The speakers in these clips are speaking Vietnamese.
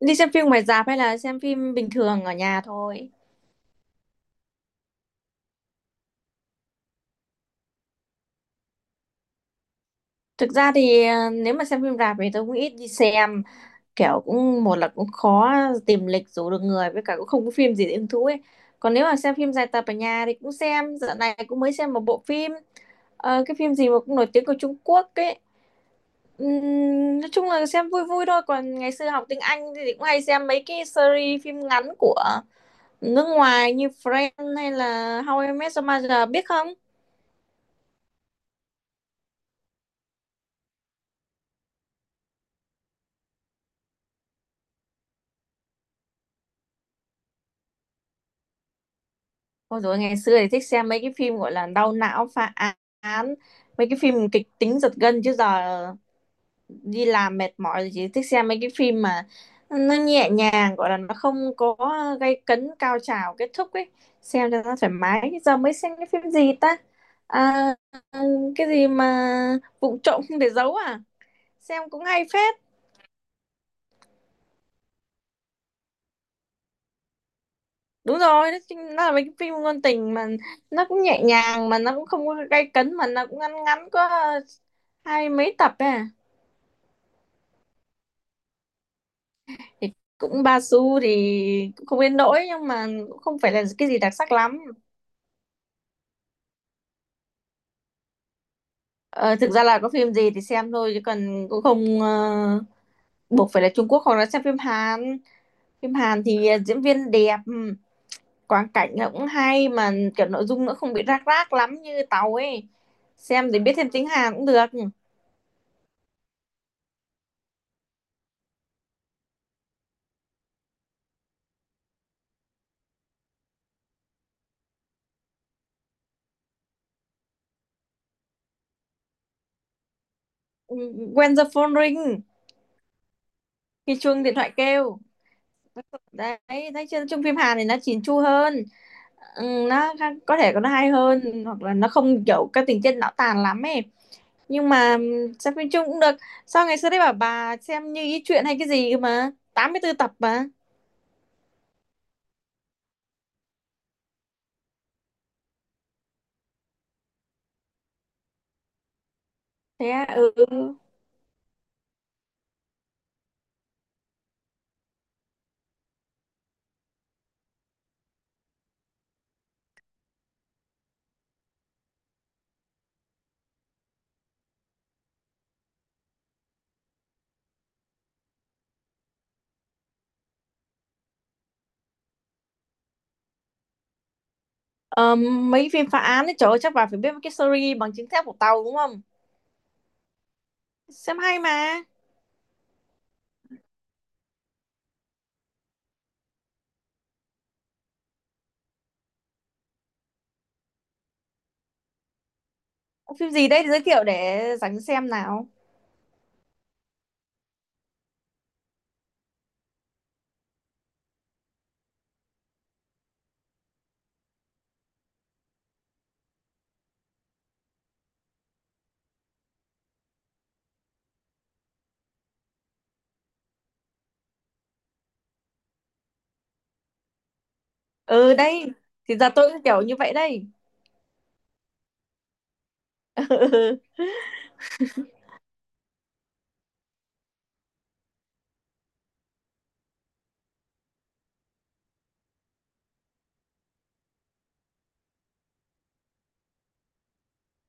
Đi xem phim ngoài rạp hay là xem phim bình thường ở nhà thôi? Thực ra thì nếu mà xem phim rạp thì tôi cũng ít đi xem. Kiểu cũng một là cũng khó tìm lịch rủ được người, với cả cũng không có phim gì để hứng thú ấy. Còn nếu mà xem phim dài tập ở nhà thì cũng xem. Dạo này cũng mới xem một bộ phim. Cái phim gì mà cũng nổi tiếng của Trung Quốc ấy. Nói chung là xem vui vui thôi. Còn ngày xưa học tiếng Anh thì cũng hay xem mấy cái series phim ngắn của nước ngoài như Friends hay là How I Met Your Mother, biết không? Ôi dồi, ngày xưa thì thích xem mấy cái phim gọi là đau não, phá án, mấy cái phim kịch tính giật gân. Chứ giờ đi làm mệt mỏi thì chỉ thích xem mấy cái phim mà nó nhẹ nhàng, gọi là nó không có gay cấn cao trào kết thúc ấy, xem cho nó thoải mái. Giờ mới xem cái phim gì ta, à, cái gì mà Vụng Trộm Không Để Giấu à, xem cũng hay phết. Đúng rồi, nó là mấy cái phim ngôn tình mà nó cũng nhẹ nhàng, mà nó cũng không có gay cấn, mà nó cũng ngắn ngắn, có hai mấy tập ấy à. Thì cũng Basu thì cũng không đến nỗi, nhưng mà cũng không phải là cái gì đặc sắc lắm. Ờ, thực ra là có phim gì thì xem thôi, chứ còn cũng không buộc phải là Trung Quốc, hoặc là xem phim Hàn. Phim Hàn thì diễn viên đẹp, quang cảnh nó cũng hay, mà kiểu nội dung nó không bị rác rác lắm như Tàu ấy. Xem thì biết thêm tiếng Hàn cũng được. Ừ, When the phone ring, khi chuông điện thoại kêu. Đấy, thấy chưa, chung phim Hàn thì nó chỉn chu hơn. Ừ, nó có thể nó hay hơn, hoặc là nó không kiểu cái tình tiết não tàn lắm ấy. Nhưng mà xem phim chung cũng được. Sao ngày xưa đấy bảo bà xem Như Ý Chuyện hay cái gì mà 84 tập mà? Thế à? Ừ. Ờ, mấy phim phá án ấy, trời ơi, chắc bà phải biết cái series Bằng Chứng Thép của Tàu đúng không? Xem hay mà. Phim gì đấy thì giới thiệu để rảnh xem nào. Ừ, đây thì giờ tôi cũng kiểu như vậy đây.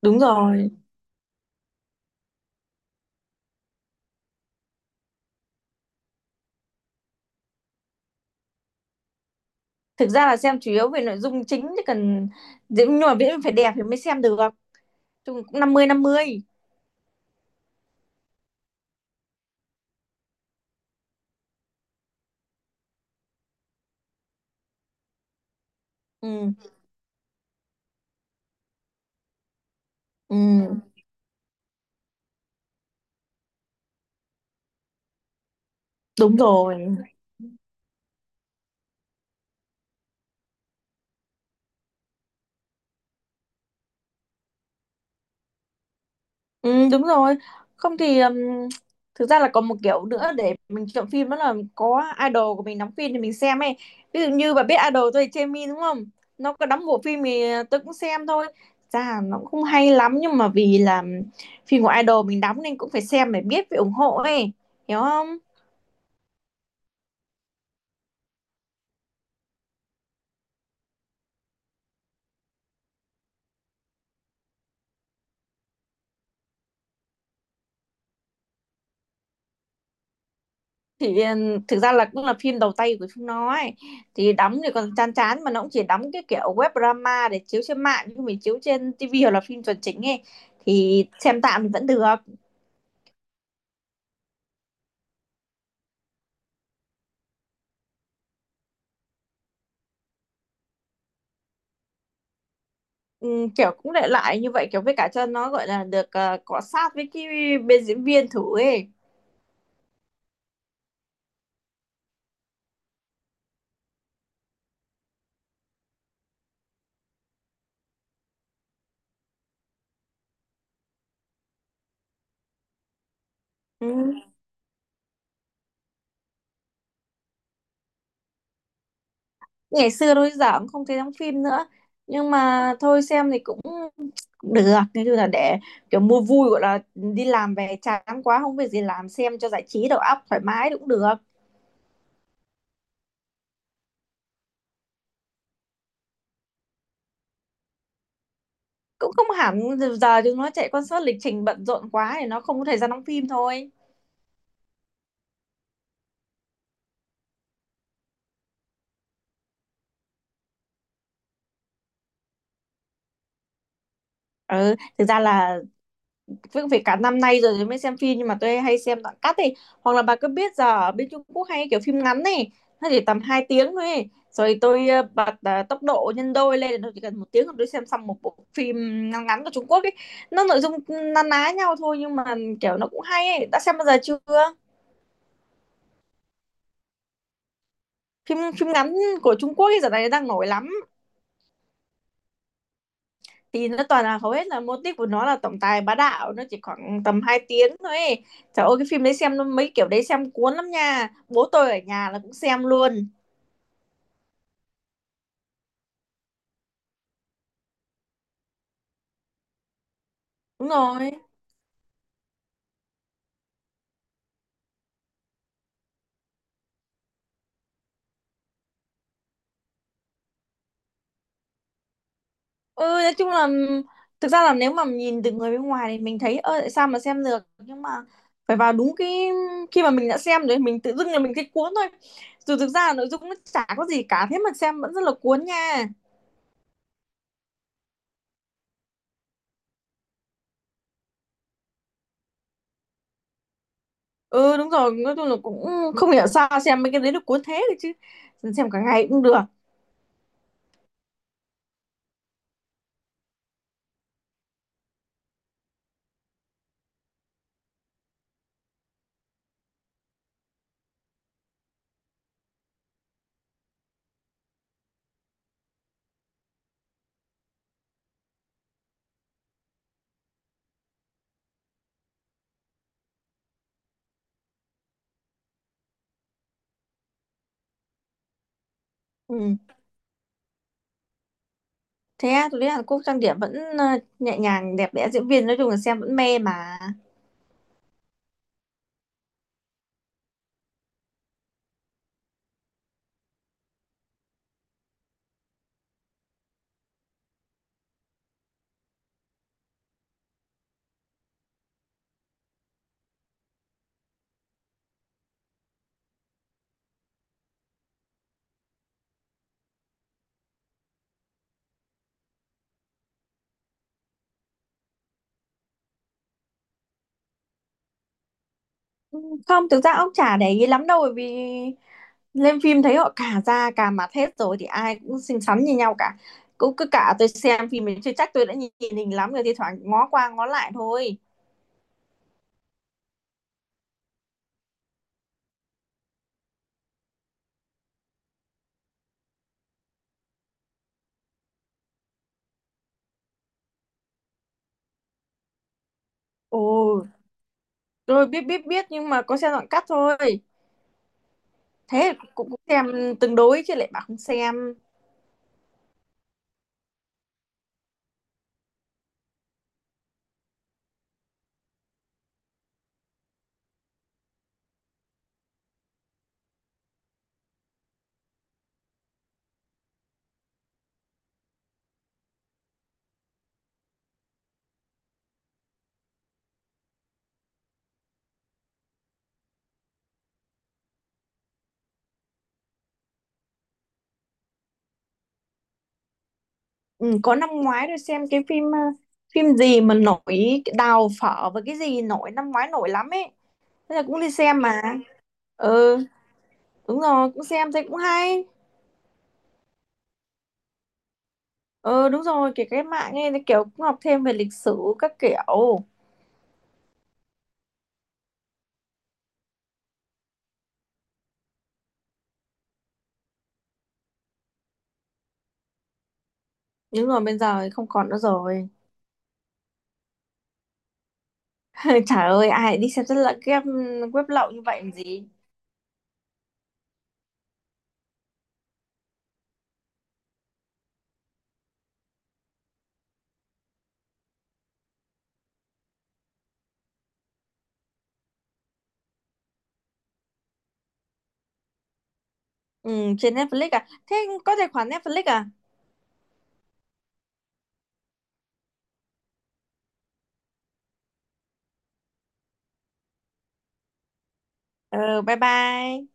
Đúng rồi. Thực ra là xem chủ yếu về nội dung chính chứ cần, nhưng mà miễn phải đẹp thì mới xem được. Chung cũng năm mươi. Ừm, ừm, đúng rồi. Đúng rồi. Không thì, thực ra là còn một kiểu nữa để mình chọn phim, đó là có idol của mình đóng phim thì mình xem ấy. Ví dụ như bà biết idol tôi là Jaemin, đúng không? Nó có đóng bộ phim thì tôi cũng xem thôi. Thực ra nó cũng không hay lắm, nhưng mà vì là phim của idol mình đóng nên cũng phải xem để biết, phải ủng hộ ấy. Hiểu không? Thì thực ra là cũng là phim đầu tay của Phương nó ấy. Thì đóng thì còn chán chán, mà nó cũng chỉ đóng cái kiểu web drama để chiếu trên mạng, nhưng mình chiếu trên tivi hoặc là phim chuẩn chính ấy. Thì xem tạm thì vẫn được. Kiểu cũng để lại như vậy, kiểu với cả cho nó gọi là được cọ sát với cái bên diễn viên thử ấy. Ừm, ngày xưa thôi, giờ cũng không thấy đóng phim nữa. Nhưng mà thôi xem thì cũng cũng được. Nói chung là để kiểu mua vui, gọi là đi làm về chán quá không việc gì làm, xem cho giải trí đầu óc thoải mái cũng được. Cũng không hẳn. Giờ chúng nó chạy concert lịch trình bận rộn quá thì nó không có thời gian đóng phim thôi. Ừ, thực ra là việc phải cả năm nay rồi mới xem phim, nhưng mà tôi hay xem đoạn cắt ấy. Hoặc là bà cứ biết giờ ở bên Trung Quốc hay kiểu phim ngắn này, nó chỉ tầm 2 tiếng thôi ấy. Rồi tôi bật tốc độ nhân đôi lên, tôi chỉ cần một tiếng là tôi xem xong một bộ phim ngắn ngắn của Trung Quốc ấy. Nó nội dung na ná nhau thôi, nhưng mà kiểu nó cũng hay ấy. Đã xem bao giờ chưa? Phim phim ngắn của Trung Quốc ấy giờ này đang nổi lắm. Thì nó toàn là, hầu hết là mô típ của nó là tổng tài bá đạo, nó chỉ khoảng tầm 2 tiếng thôi ấy. Trời ơi, cái phim đấy xem nó mấy kiểu đấy xem cuốn lắm nha, bố tôi ở nhà là cũng xem luôn. Đúng rồi. Ừ, nói chung là thực ra là nếu mà nhìn từ người bên ngoài thì mình thấy ơ tại sao mà xem được, nhưng mà phải vào đúng cái khi mà mình đã xem rồi, mình tự dưng là mình thấy cuốn thôi. Dù thực ra là nội dung nó chả có gì cả, thế mà xem vẫn rất là cuốn nha. Ừ, đúng rồi, nói chung là cũng không hiểu sao xem mấy cái đấy được cuốn thế được chứ. Xem cả ngày cũng được. Ừ. Thế à, tôi thấy Hàn Quốc trang điểm vẫn ờ, nhẹ nhàng đẹp đẽ, diễn viên nói chung là xem vẫn mê mà. Không, thực ra ông chả để ý lắm đâu, bởi vì lên phim thấy họ cả da cả mặt hết rồi thì ai cũng xinh xắn như nhau cả. Cũng cứ cả tôi xem phim mình chưa chắc tôi đã nhìn hình lắm, rồi thì thoảng ngó qua ngó lại thôi. Ồ, tôi biết biết biết, nhưng mà có xem đoạn cắt thôi. Thế cũng xem tương đối chứ lại bảo không xem. Ừ, có năm ngoái tôi xem cái phim phim gì mà nổi, cái Đào Phở và cái gì nổi năm ngoái nổi lắm ấy. Thế là cũng đi xem mà. Ừ, đúng rồi, cũng xem thấy cũng hay. Ừ, đúng rồi, kể cái mạng ấy, cái kiểu cũng học thêm về lịch sử các kiểu. Nhưng mà bây giờ thì không còn nữa rồi. Trời ơi, ai đi xem rất là game web lậu như vậy làm gì. Ừ, trên Netflix à? Thế có tài khoản Netflix à? Ừ, bye bye.